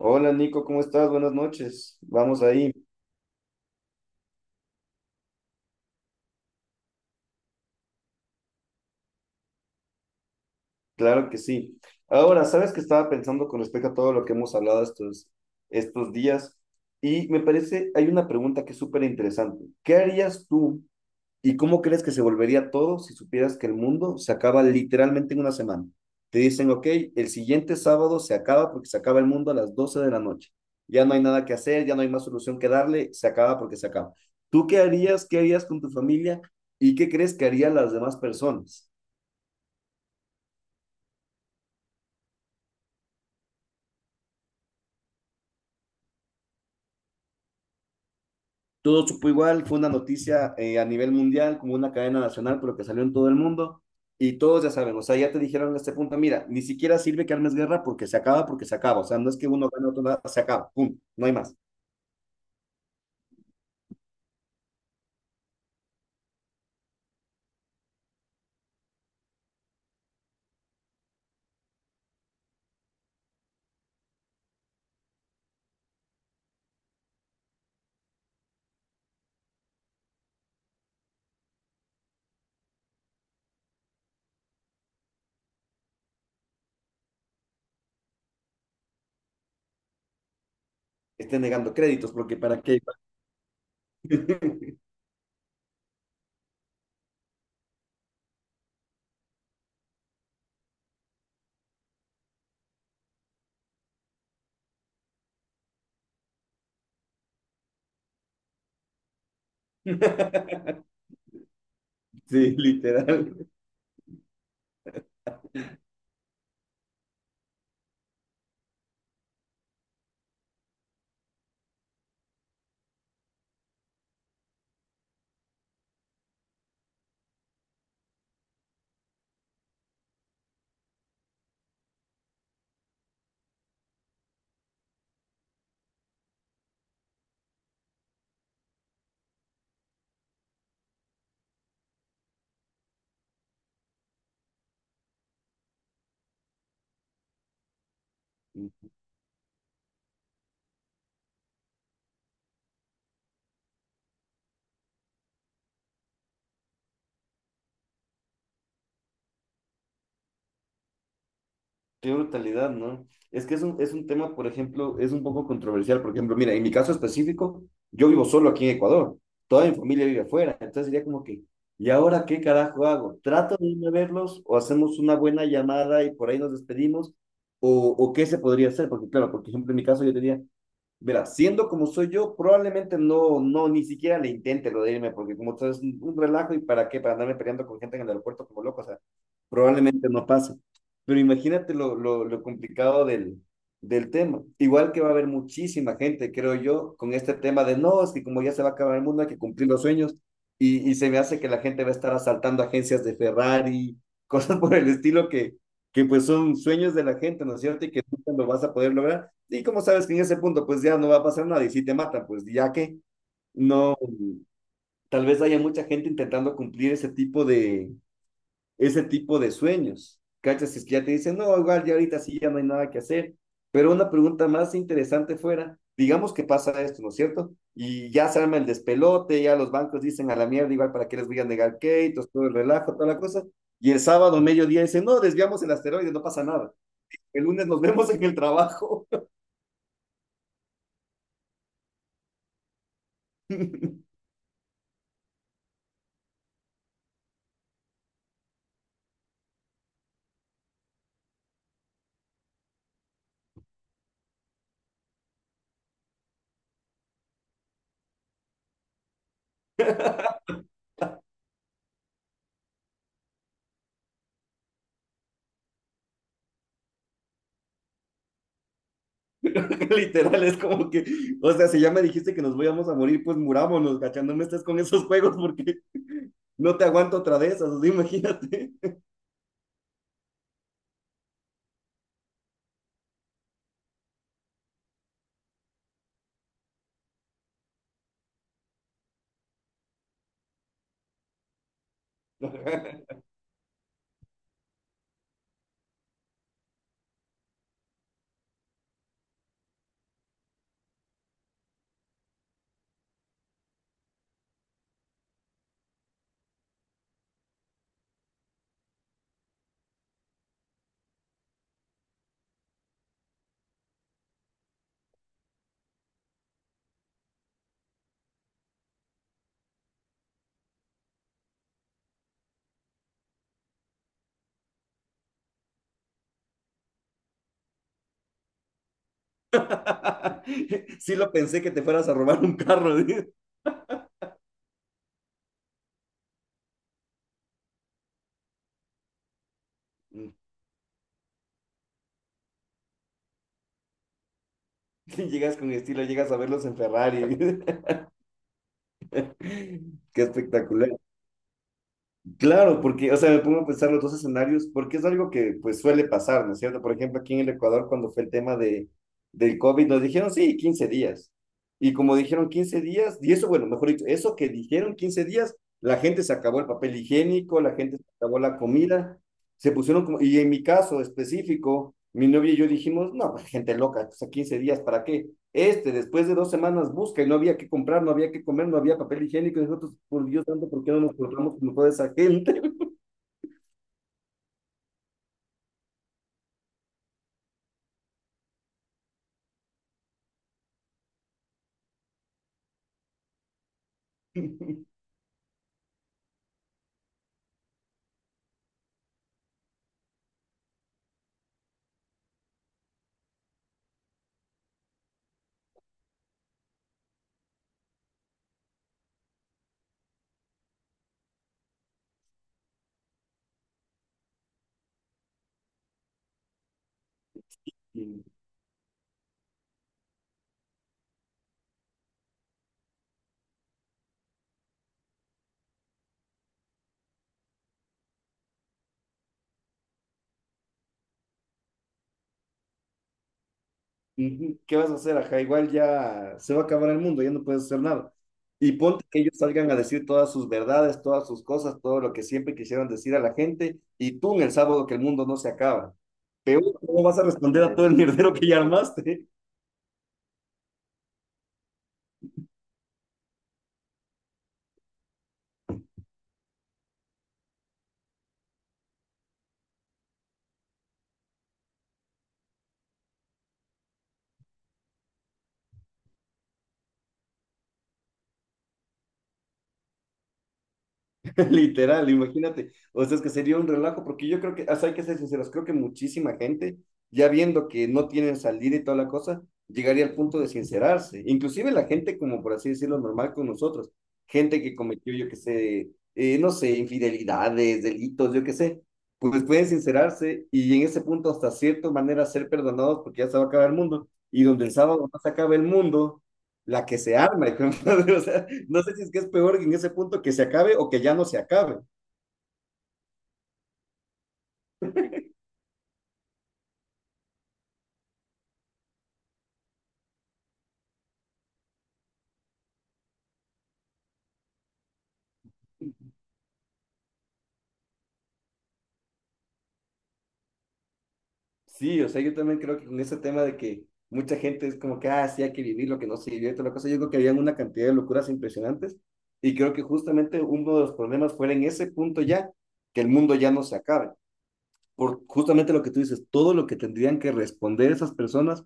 Hola Nico, ¿cómo estás? Buenas noches. Vamos ahí, claro que sí. Ahora, ¿sabes qué estaba pensando con respecto a todo lo que hemos hablado estos días? Y me parece, hay una pregunta que es súper interesante. ¿Qué harías tú? ¿Y cómo crees que se volvería todo si supieras que el mundo se acaba literalmente en una semana? Te dicen, ok, el siguiente sábado se acaba porque se acaba el mundo a las 12 de la noche. Ya no hay nada que hacer, ya no hay más solución que darle, se acaba porque se acaba. ¿Tú qué harías? ¿Qué harías con tu familia? ¿Y qué crees que harían las demás personas? Todo supo igual, fue una noticia a nivel mundial, como una cadena nacional, pero que salió en todo el mundo. Y todos ya saben, o sea, ya te dijeron en este punto, mira, ni siquiera sirve que armes guerra porque se acaba, porque se acaba. O sea, no es que uno gane otro nada, se acaba, pum, no hay más. Estén negando créditos, porque para qué. Sí, literal. Qué brutalidad, ¿no? Es que es un tema, por ejemplo, es un poco controversial. Por ejemplo, mira, en mi caso específico, yo vivo solo aquí en Ecuador. Toda mi familia vive afuera. Entonces sería como que, ¿y ahora qué carajo hago? ¿Trato de irme a verlos o hacemos una buena llamada y por ahí nos despedimos? ¿O qué se podría hacer? Porque claro, por ejemplo, en mi caso yo tenía, mira, siendo como soy yo, probablemente no, no, ni siquiera le intente lo de irme, porque como sabes, un relajo y para qué, para andarme peleando con gente en el aeropuerto como loco, o sea, probablemente no pase. Pero imagínate lo complicado del tema. Igual que va a haber muchísima gente, creo yo, con este tema de no, es que como ya se va a acabar el mundo, hay que cumplir los sueños. Y se me hace que la gente va a estar asaltando agencias de Ferrari, cosas por el estilo que pues son sueños de la gente, ¿no es cierto? Y que nunca lo vas a poder lograr. Y como sabes que en ese punto pues ya no va a pasar nada y si te matan, pues ya que no, tal vez haya mucha gente intentando cumplir ese tipo de sueños. ¿Cachas? Es que ya te dicen, no, igual ya ahorita sí ya no hay nada que hacer. Pero una pregunta más interesante fuera, digamos que pasa esto, ¿no es cierto? Y ya se arma el despelote, ya los bancos dicen a la mierda, igual para qué les voy a negar créditos, todo el relajo, toda la cosa. Y el sábado, mediodía, dicen, no, desviamos el asteroide, no pasa nada. El lunes nos vemos en el trabajo. Literal, es como que, o sea, si ya me dijiste que nos íbamos a morir, pues murámonos, cachando, no me estés con esos juegos porque no te aguanto otra vez, esas, o sea, imagínate. Sí lo pensé que te fueras a robar un carro. Llegas con estilo, llegas a verlos en Ferrari. Qué espectacular. Claro, porque, o sea, me pongo a pensar los dos escenarios, porque es algo que pues suele pasar, ¿no es cierto? Por ejemplo, aquí en el Ecuador, cuando fue el tema del COVID, nos dijeron, sí, 15 días. Y como dijeron 15 días, y eso, bueno, mejor dicho, eso que dijeron 15 días, la gente se acabó el papel higiénico, la gente se acabó la comida, se pusieron como, y en mi caso específico, mi novia y yo dijimos, no, pues, gente loca, o sea, 15 días, ¿para qué? Este, después de 2 semanas busca y no había que comprar, no había que comer, no había papel higiénico, y nosotros, por Dios santo, ¿por qué no nos portamos como toda esa gente? ¿Qué vas a hacer, ajá? Igual ya se va a acabar el mundo, ya no puedes hacer nada. Y ponte que ellos salgan a decir todas sus verdades, todas sus cosas, todo lo que siempre quisieron decir a la gente, y tú en el sábado que el mundo no se acaba. Peor, ¿cómo vas a responder a todo el mierdero que ya armaste? Literal, imagínate. O sea, es que sería un relajo, porque yo creo que, o sea, hay que ser sinceros, creo que muchísima gente, ya viendo que no tienen salida y toda la cosa, llegaría al punto de sincerarse. Inclusive la gente, como por así decirlo, normal con nosotros. Gente que cometió, yo qué sé, no sé, infidelidades, delitos, yo qué sé. Pues pueden sincerarse y en ese punto, hasta cierta manera, ser perdonados porque ya se va a acabar el mundo. Y donde el sábado no se acaba el mundo, la que se arma, hijo de madre, o sea, no sé si es que es peor en ese punto que se acabe o que ya no se acabe. Sí, o sea, yo también creo que con ese tema de que mucha gente es como que, ah, sí, hay que vivir lo que no se vivió y toda la cosa, yo creo que habían una cantidad de locuras impresionantes y creo que justamente uno de los problemas fue en ese punto ya, que el mundo ya no se acabe, por justamente lo que tú dices, todo lo que tendrían que responder esas personas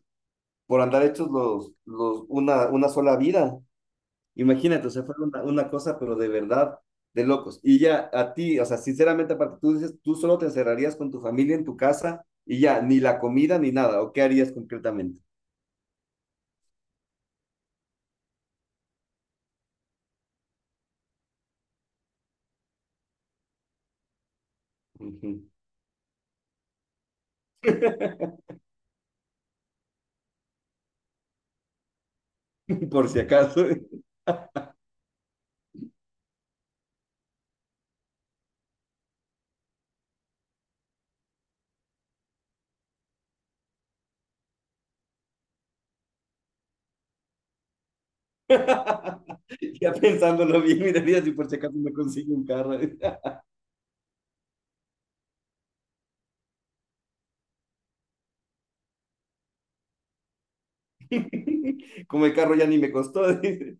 por andar hechos una sola vida, imagínate, o sea, fue una cosa, pero de verdad, de locos. Y ya a ti, o sea, sinceramente, aparte, tú dices, tú solo te encerrarías con tu familia en tu casa y ya, ni la comida ni nada, ¿o qué harías concretamente? Ujú. Por si acaso, ya pensándolo bien, miraría si por si acaso me consigo un carro. Como el carro ya ni me costó, dice.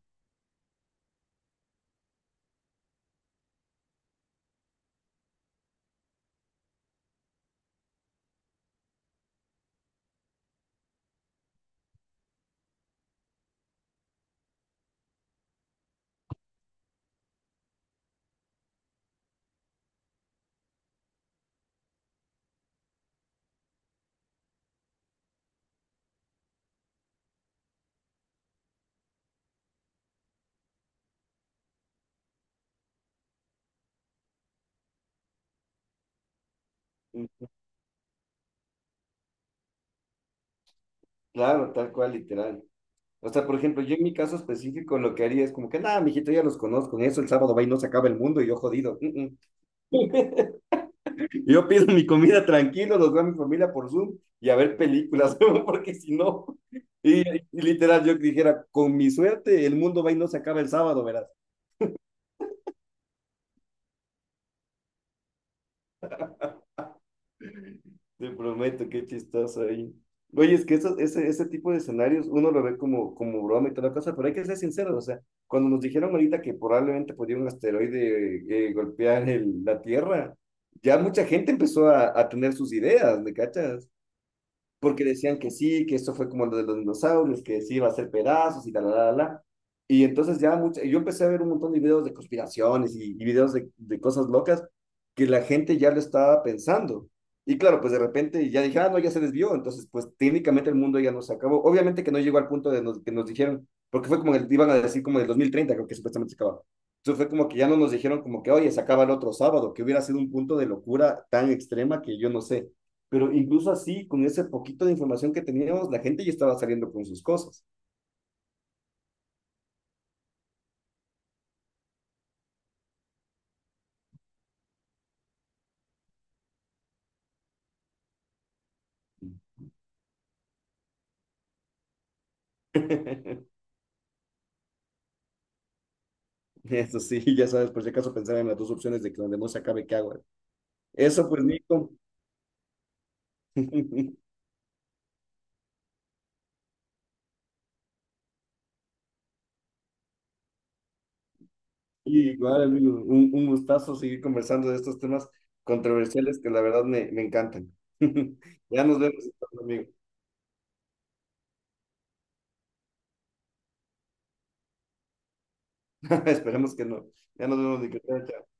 Claro, tal cual, literal. O sea, por ejemplo, yo en mi caso específico lo que haría es como que, nada, mijito, ya los conozco, en eso el sábado va y no se acaba el mundo y yo jodido. Mm, mm. Yo pido mi comida tranquilo, los veo a mi familia por Zoom y a ver películas, porque si no, y literal yo dijera, con mi suerte, el mundo va y no se acaba el sábado, verás. Te prometo, qué chistoso ahí. Oye, es que eso, ese tipo de escenarios uno lo ve como broma y toda la cosa, pero hay que ser sinceros. O sea, cuando nos dijeron ahorita que probablemente podía un asteroide golpear la Tierra, ya mucha gente empezó a tener sus ideas, ¿me cachas? Porque decían que sí, que esto fue como lo de los dinosaurios, que sí iba a ser pedazos y tal, la, la, la. Y entonces ya yo empecé a ver un montón de videos de conspiraciones y videos de cosas locas que la gente ya lo estaba pensando. Y claro, pues de repente ya dije, ah, no, ya se desvió. Entonces, pues técnicamente el mundo ya no se acabó. Obviamente que no llegó al punto de que nos dijeron, porque fue como, iban a decir como el 2030 creo que supuestamente se acababa. Entonces fue como que ya no nos dijeron como que, oye, se acaba el otro sábado, que hubiera sido un punto de locura tan extrema que yo no sé. Pero incluso así, con ese poquito de información que teníamos, la gente ya estaba saliendo con sus cosas. Eso sí, ya sabes, por si acaso pensar en las dos opciones de que donde no se acabe, ¿qué hago? Eso pues, Nico. Y igual, amigo, un gustazo seguir conversando de estos temas controversiales que la verdad me encantan. Ya nos vemos, amigo. Esperemos que no. Ya nos vemos, Nico. Chao, chao.